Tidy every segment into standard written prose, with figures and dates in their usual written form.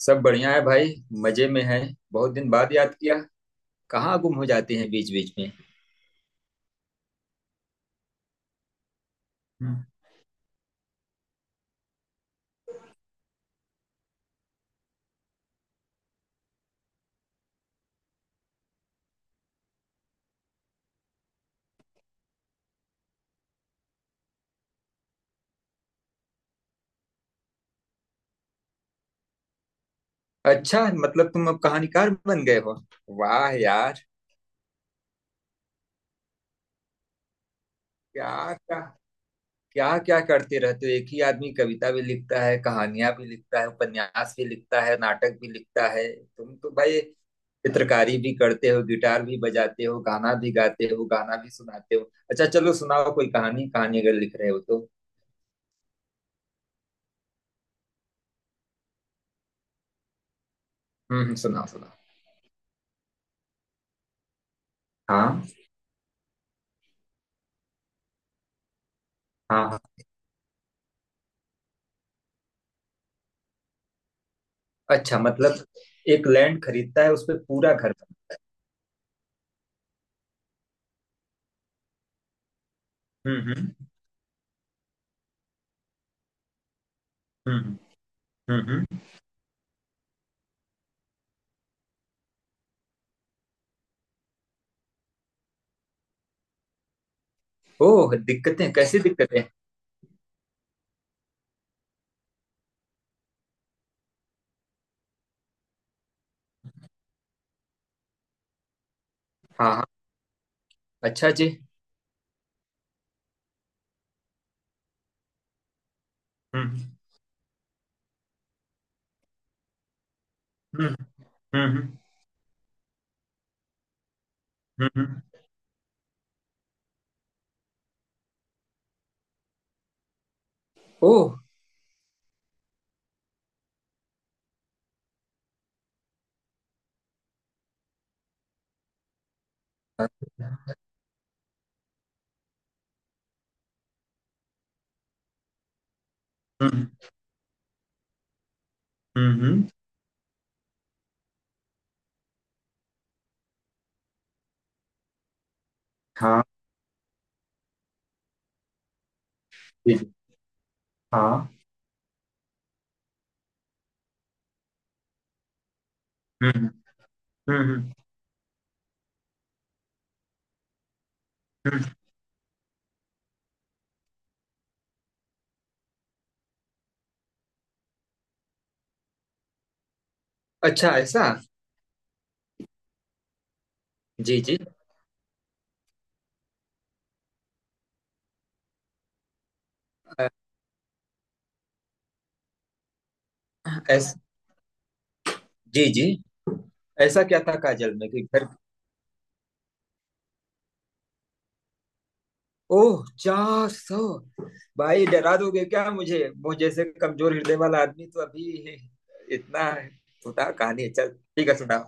सब बढ़िया है भाई। मजे में है। बहुत दिन बाद याद किया। कहाँ गुम हो जाते हैं बीच बीच में? हम्म। अच्छा, मतलब तुम अब कहानीकार बन गए हो। वाह यार। क्या क्या? क्या क्या करते रहते हो, एक ही आदमी कविता भी लिखता है, कहानियां भी लिखता है, उपन्यास भी लिखता है, नाटक भी लिखता है। तुम तो भाई चित्रकारी भी करते हो, गिटार भी बजाते हो, गाना भी गाते हो, गाना भी सुनाते हो। अच्छा चलो सुनाओ कोई कहानी, कहानी अगर लिख रहे हो तो। सुनाओ सुनाओ। हाँ हाँ। अच्छा मतलब एक लैंड खरीदता है, उस पे पूरा घर बना। हम्म। हम्म हम्म। हम्म। ओह, दिक्कतें कैसी दिक्कतें? हाँ हाँ। अच्छा जी। हम्म हम्म। हम्म हम्म। ओह। अच्छा। हम्म हम्म। हाँ। जी जी। हाँ। हम्म हम्म। हम्म। अच्छा ऐसा। जी जी। ऐसा। जी जी। ऐसा क्या था काजल में कि घर? ओह, 400? भाई डरा दोगे क्या मुझे। वो जैसे कमजोर हृदय वाला आदमी तो अभी। इतना है। सुना कहानी है। चल। ठीक है, सुना।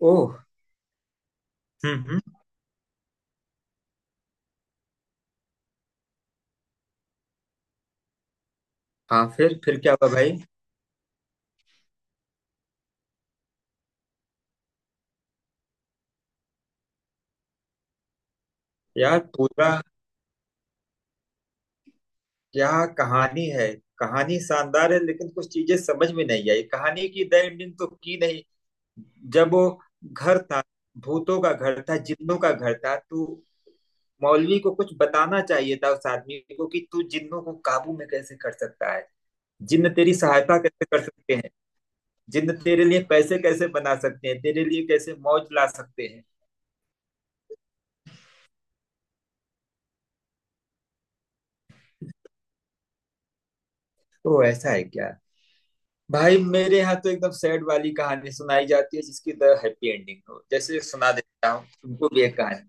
ओह। हम्म। हाँ फिर क्या हुआ भाई? यार पूरा, क्या कहानी है। कहानी शानदार है लेकिन कुछ चीजें समझ में नहीं आई। कहानी की द एंडिंग तो की नहीं। जब वो घर था, भूतों का घर था, जिन्नों का घर था, तो मौलवी को कुछ बताना चाहिए था उस आदमी को कि तू जिन्नों को काबू में कैसे कर सकता है। जिन्न तेरी सहायता कैसे कर सकते हैं? जिन्न तेरे लिए पैसे कैसे बना सकते हैं, तेरे लिए कैसे मौज ला सकते हैं? तो ऐसा है क्या? भाई मेरे यहाँ तो एकदम सैड वाली कहानी सुनाई जाती है जिसकी द हैप्पी एंडिंग हो। जैसे सुना देता हूँ तुमको भी एक कहानी।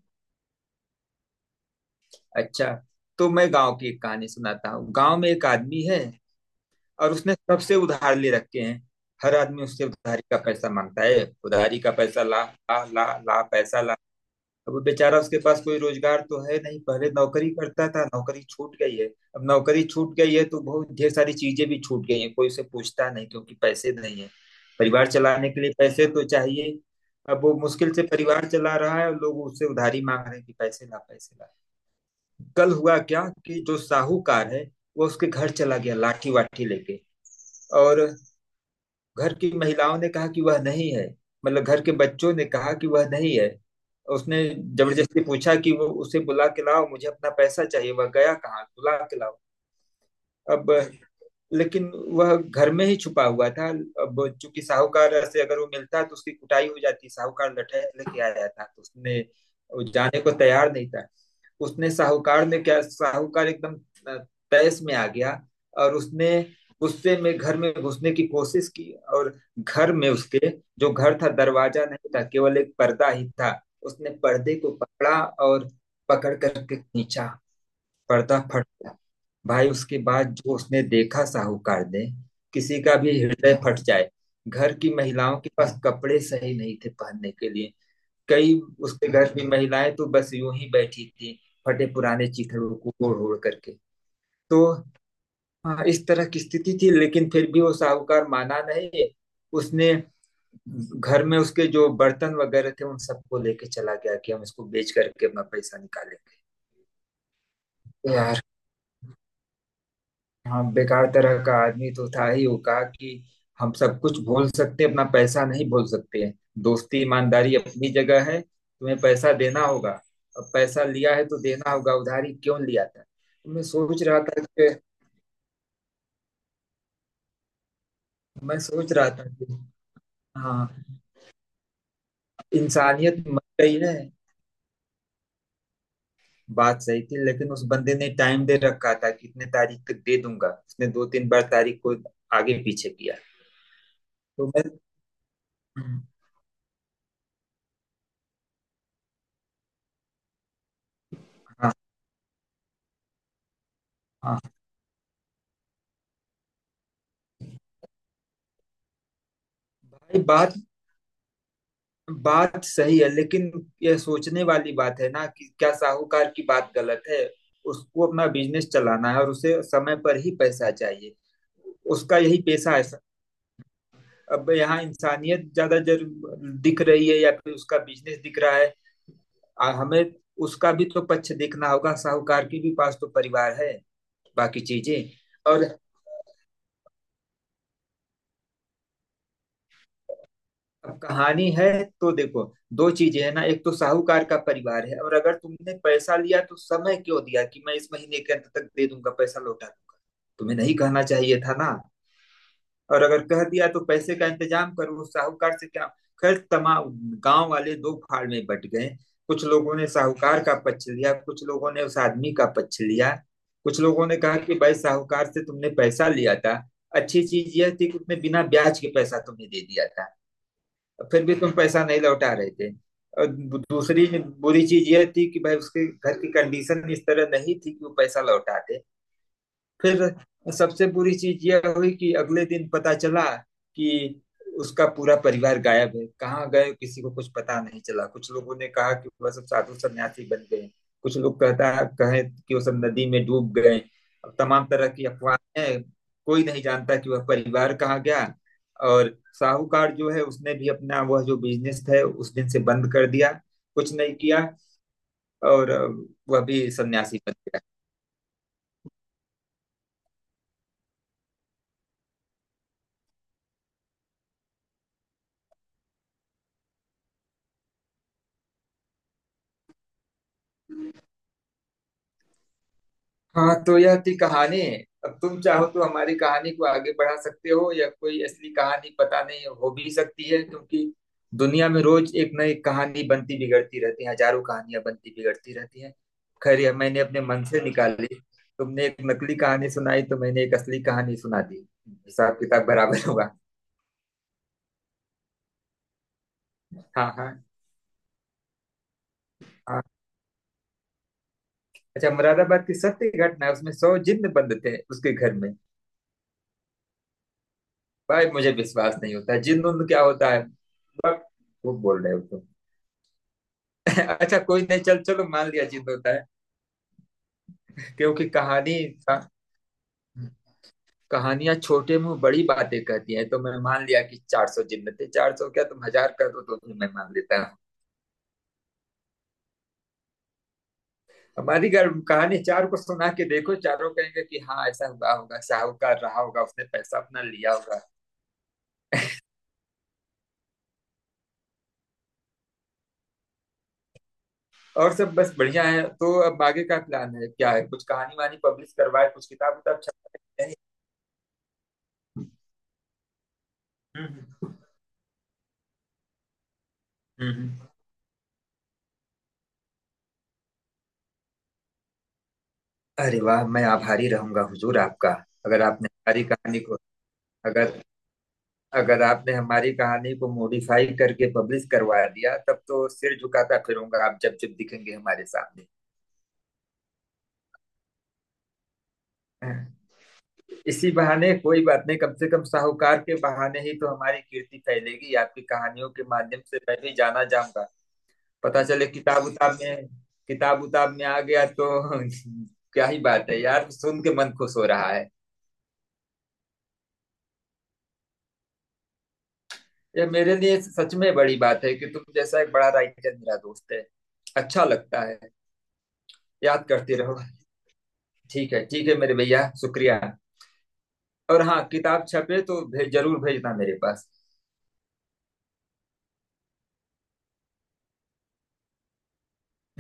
अच्छा, तो मैं गांव की एक कहानी सुनाता हूँ। गांव में एक आदमी है और उसने सबसे उधार ले रखे हैं। हर आदमी उससे उधारी का पैसा मांगता है, उधारी का पैसा ला, ला ला ला पैसा। अब बेचारा, उसके पास कोई रोजगार तो है नहीं, पहले नौकरी करता था, नौकरी छूट गई है। अब नौकरी छूट गई है तो बहुत ढेर सारी चीजें भी छूट गई हैं, कोई उसे पूछता नहीं क्योंकि पैसे नहीं है। परिवार चलाने के लिए पैसे तो चाहिए। अब वो मुश्किल से परिवार चला रहा है और लोग उससे उधारी मांग रहे हैं कि पैसे ला, पैसे ला। कल हुआ क्या कि जो साहूकार है, वो उसके घर चला गया लाठी वाठी लेके। और घर की महिलाओं ने कहा कि वह नहीं है, मतलब घर के बच्चों ने कहा कि वह नहीं है। उसने जबरदस्ती पूछा कि वो, उसे बुला के लाओ, मुझे अपना पैसा चाहिए, वह गया कहाँ, बुला के लाओ। अब लेकिन वह घर में ही छुपा हुआ था। अब चूंकि साहूकार से अगर वो मिलता तो उसकी कुटाई हो जाती, साहूकार लठैत लेके आया था, तो उसने, वो जाने को तैयार नहीं था। उसने, साहूकार ने क्या, साहूकार एकदम तैस में आ गया और उसने गुस्से में घर में घुसने की कोशिश की। और घर में उसके जो घर था, दरवाजा नहीं था, केवल एक पर्दा ही था। उसने पर्दे को पकड़ा और पकड़ करके खींचा। पर्दा फट गया। भाई उसके बाद जो उसने देखा साहूकार ने, किसी का भी हृदय फट जाए। घर की महिलाओं के पास कपड़े सही नहीं थे पहनने के लिए। कई उसके घर की महिलाएं तो बस यूं ही बैठी थी, फटे पुराने चीथड़ों को ओढ़ ओढ़ करके। तो हाँ, इस तरह की स्थिति थी, लेकिन फिर भी वो साहूकार माना नहीं। उसने घर में उसके जो बर्तन वगैरह थे उन सबको लेके चला गया कि हम इसको बेच करके अपना पैसा निकालेंगे। तो यार, हाँ, बेकार तरह का आदमी तो था ही। वो कहा कि हम सब कुछ भूल सकते हैं, अपना पैसा नहीं भूल सकते हैं। दोस्ती ईमानदारी अपनी जगह है, तुम्हें पैसा देना होगा। अब पैसा लिया है तो देना होगा, उधारी क्यों लिया था। तो मैं सोच रहा था कि मैं सोच रहा था कि हाँ, इंसानियत मर गई है। बात सही थी लेकिन उस बंदे ने टाइम दे रखा था कि इतने तारीख तक दे दूंगा। उसने दो तीन बार तारीख को आगे पीछे किया। तो मैं। हाँ हाँ हाँ। भाई बात बात सही है, लेकिन यह सोचने वाली बात है ना कि क्या साहूकार की बात गलत है। उसको अपना बिजनेस चलाना है और उसे समय पर ही पैसा चाहिए। उसका यही पेशा है। अब यहाँ इंसानियत ज्यादा जरूर दिख रही है या फिर उसका बिजनेस दिख रहा है। हमें उसका भी तो पक्ष देखना होगा, साहूकार के भी पास तो परिवार है, बाकी चीजें और। अब कहानी है तो देखो, दो चीजें है ना। एक तो साहूकार का परिवार है, और अगर तुमने पैसा लिया तो समय क्यों दिया कि मैं इस महीने के अंत तक दे दूंगा, पैसा लौटा दूंगा। तुम्हें नहीं कहना चाहिए था ना। और अगर कह दिया तो पैसे का इंतजाम करो, उस साहूकार से क्या। खैर, तमाम गांव वाले दो फाड़ में बट गए। कुछ लोगों ने साहूकार का पक्ष लिया, कुछ लोगों ने उस आदमी का पक्ष लिया। कुछ लोगों ने कहा कि भाई साहूकार से तुमने पैसा लिया था, अच्छी चीज यह थी कि उसने बिना ब्याज के पैसा तुम्हें दे दिया था, फिर भी तुम पैसा नहीं लौटा रहे थे। और दूसरी बुरी चीज यह थी कि भाई उसके घर की कंडीशन इस तरह नहीं थी कि वो पैसा लौटा दे। फिर सबसे बुरी चीज यह हुई कि अगले दिन पता चला कि उसका पूरा परिवार गायब है। कहाँ गए, किसी को कुछ पता नहीं चला। कुछ लोगों ने कहा कि वह सब साधु सन्यासी बन गए, कुछ लोग कहता कहे कि वो सब नदी में डूब गए। अब तमाम तरह की अफवाहें हैं, कोई नहीं जानता कि वह परिवार कहाँ गया। और साहूकार जो है, उसने भी अपना वह जो बिजनेस है उस दिन से बंद कर दिया, कुछ नहीं किया, और वह भी सन्यासी बन गया। हाँ, तो यह थी कहानी। अब तुम चाहो तो हमारी कहानी को आगे बढ़ा सकते हो, या कोई असली कहानी पता नहीं हो भी सकती है, क्योंकि दुनिया में रोज एक नई कहानी बनती बिगड़ती रहती है, हजारों कहानियां बनती बिगड़ती रहती हैं। खैर, यह मैंने अपने मन से निकाली। तुमने एक नकली कहानी सुनाई तो मैंने एक असली कहानी सुना दी, हिसाब किताब बराबर होगा। हाँ हाँ हाँ। अच्छा, मुरादाबाद की सत्य घटना है, उसमें 100 जिन्न बंद थे उसके घर में? भाई मुझे विश्वास नहीं होता, जिन्न उन्न क्या होता है बस, वो बोल रहे हो तुम। अच्छा कोई नहीं, चल चलो मान लिया, जिद होता है। क्योंकि कहानी, का, कहानियां छोटे मुंह बड़ी बातें कहती हैं, तो मैं मान लिया कि 400 जिन्न थे। चार सौ क्या, तुम 1,000 कर दो तो भी मैं मान लेता हूँ। हमारी घर कहानी चार को सुना के देखो, चारों कहेंगे कि हाँ ऐसा हुआ होगा, साहूकार रहा होगा, उसने पैसा अपना लिया होगा। और सब बस बढ़िया है। तो अब आगे का प्लान है क्या है, कुछ कहानी वानी पब्लिश करवाए, कुछ किताब उताब छपवाए नहीं? हम्म, हम्म, हम्म। अरे वाह, मैं आभारी रहूंगा हुजूर आपका। अगर आपने हमारी कहानी को अगर अगर आपने हमारी कहानी को मॉडिफाई करके पब्लिश करवा दिया, तब तो सिर झुकाता फिरूंगा आप जब जब दिखेंगे हमारे सामने। इसी बहाने कोई बात नहीं, कम से कम साहूकार के बहाने ही तो हमारी कीर्ति फैलेगी आपकी कहानियों के माध्यम से, मैं भी जाना जाऊंगा। पता चले किताब उताब में, आ गया तो क्या ही बात है यार, सुन के मन खुश हो रहा है। यह मेरे लिए सच में बड़ी बात है कि तुम जैसा एक बड़ा राइटर मेरा दोस्त है। अच्छा लगता है। याद करते रहो। ठीक है मेरे भैया, शुक्रिया। और हाँ, किताब छपे तो जरूर भेजना मेरे पास।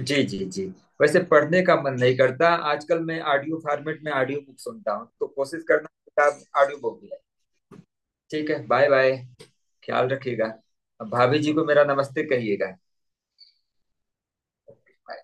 जी जी जी। वैसे पढ़ने का मन नहीं करता आजकल, मैं ऑडियो फॉर्मेट में ऑडियो बुक सुनता हूँ, तो कोशिश करना किताब ऑडियो बुक भी है। ठीक है, बाय बाय। ख्याल रखिएगा। अब भाभी जी को मेरा नमस्ते कहिएगा। बाय।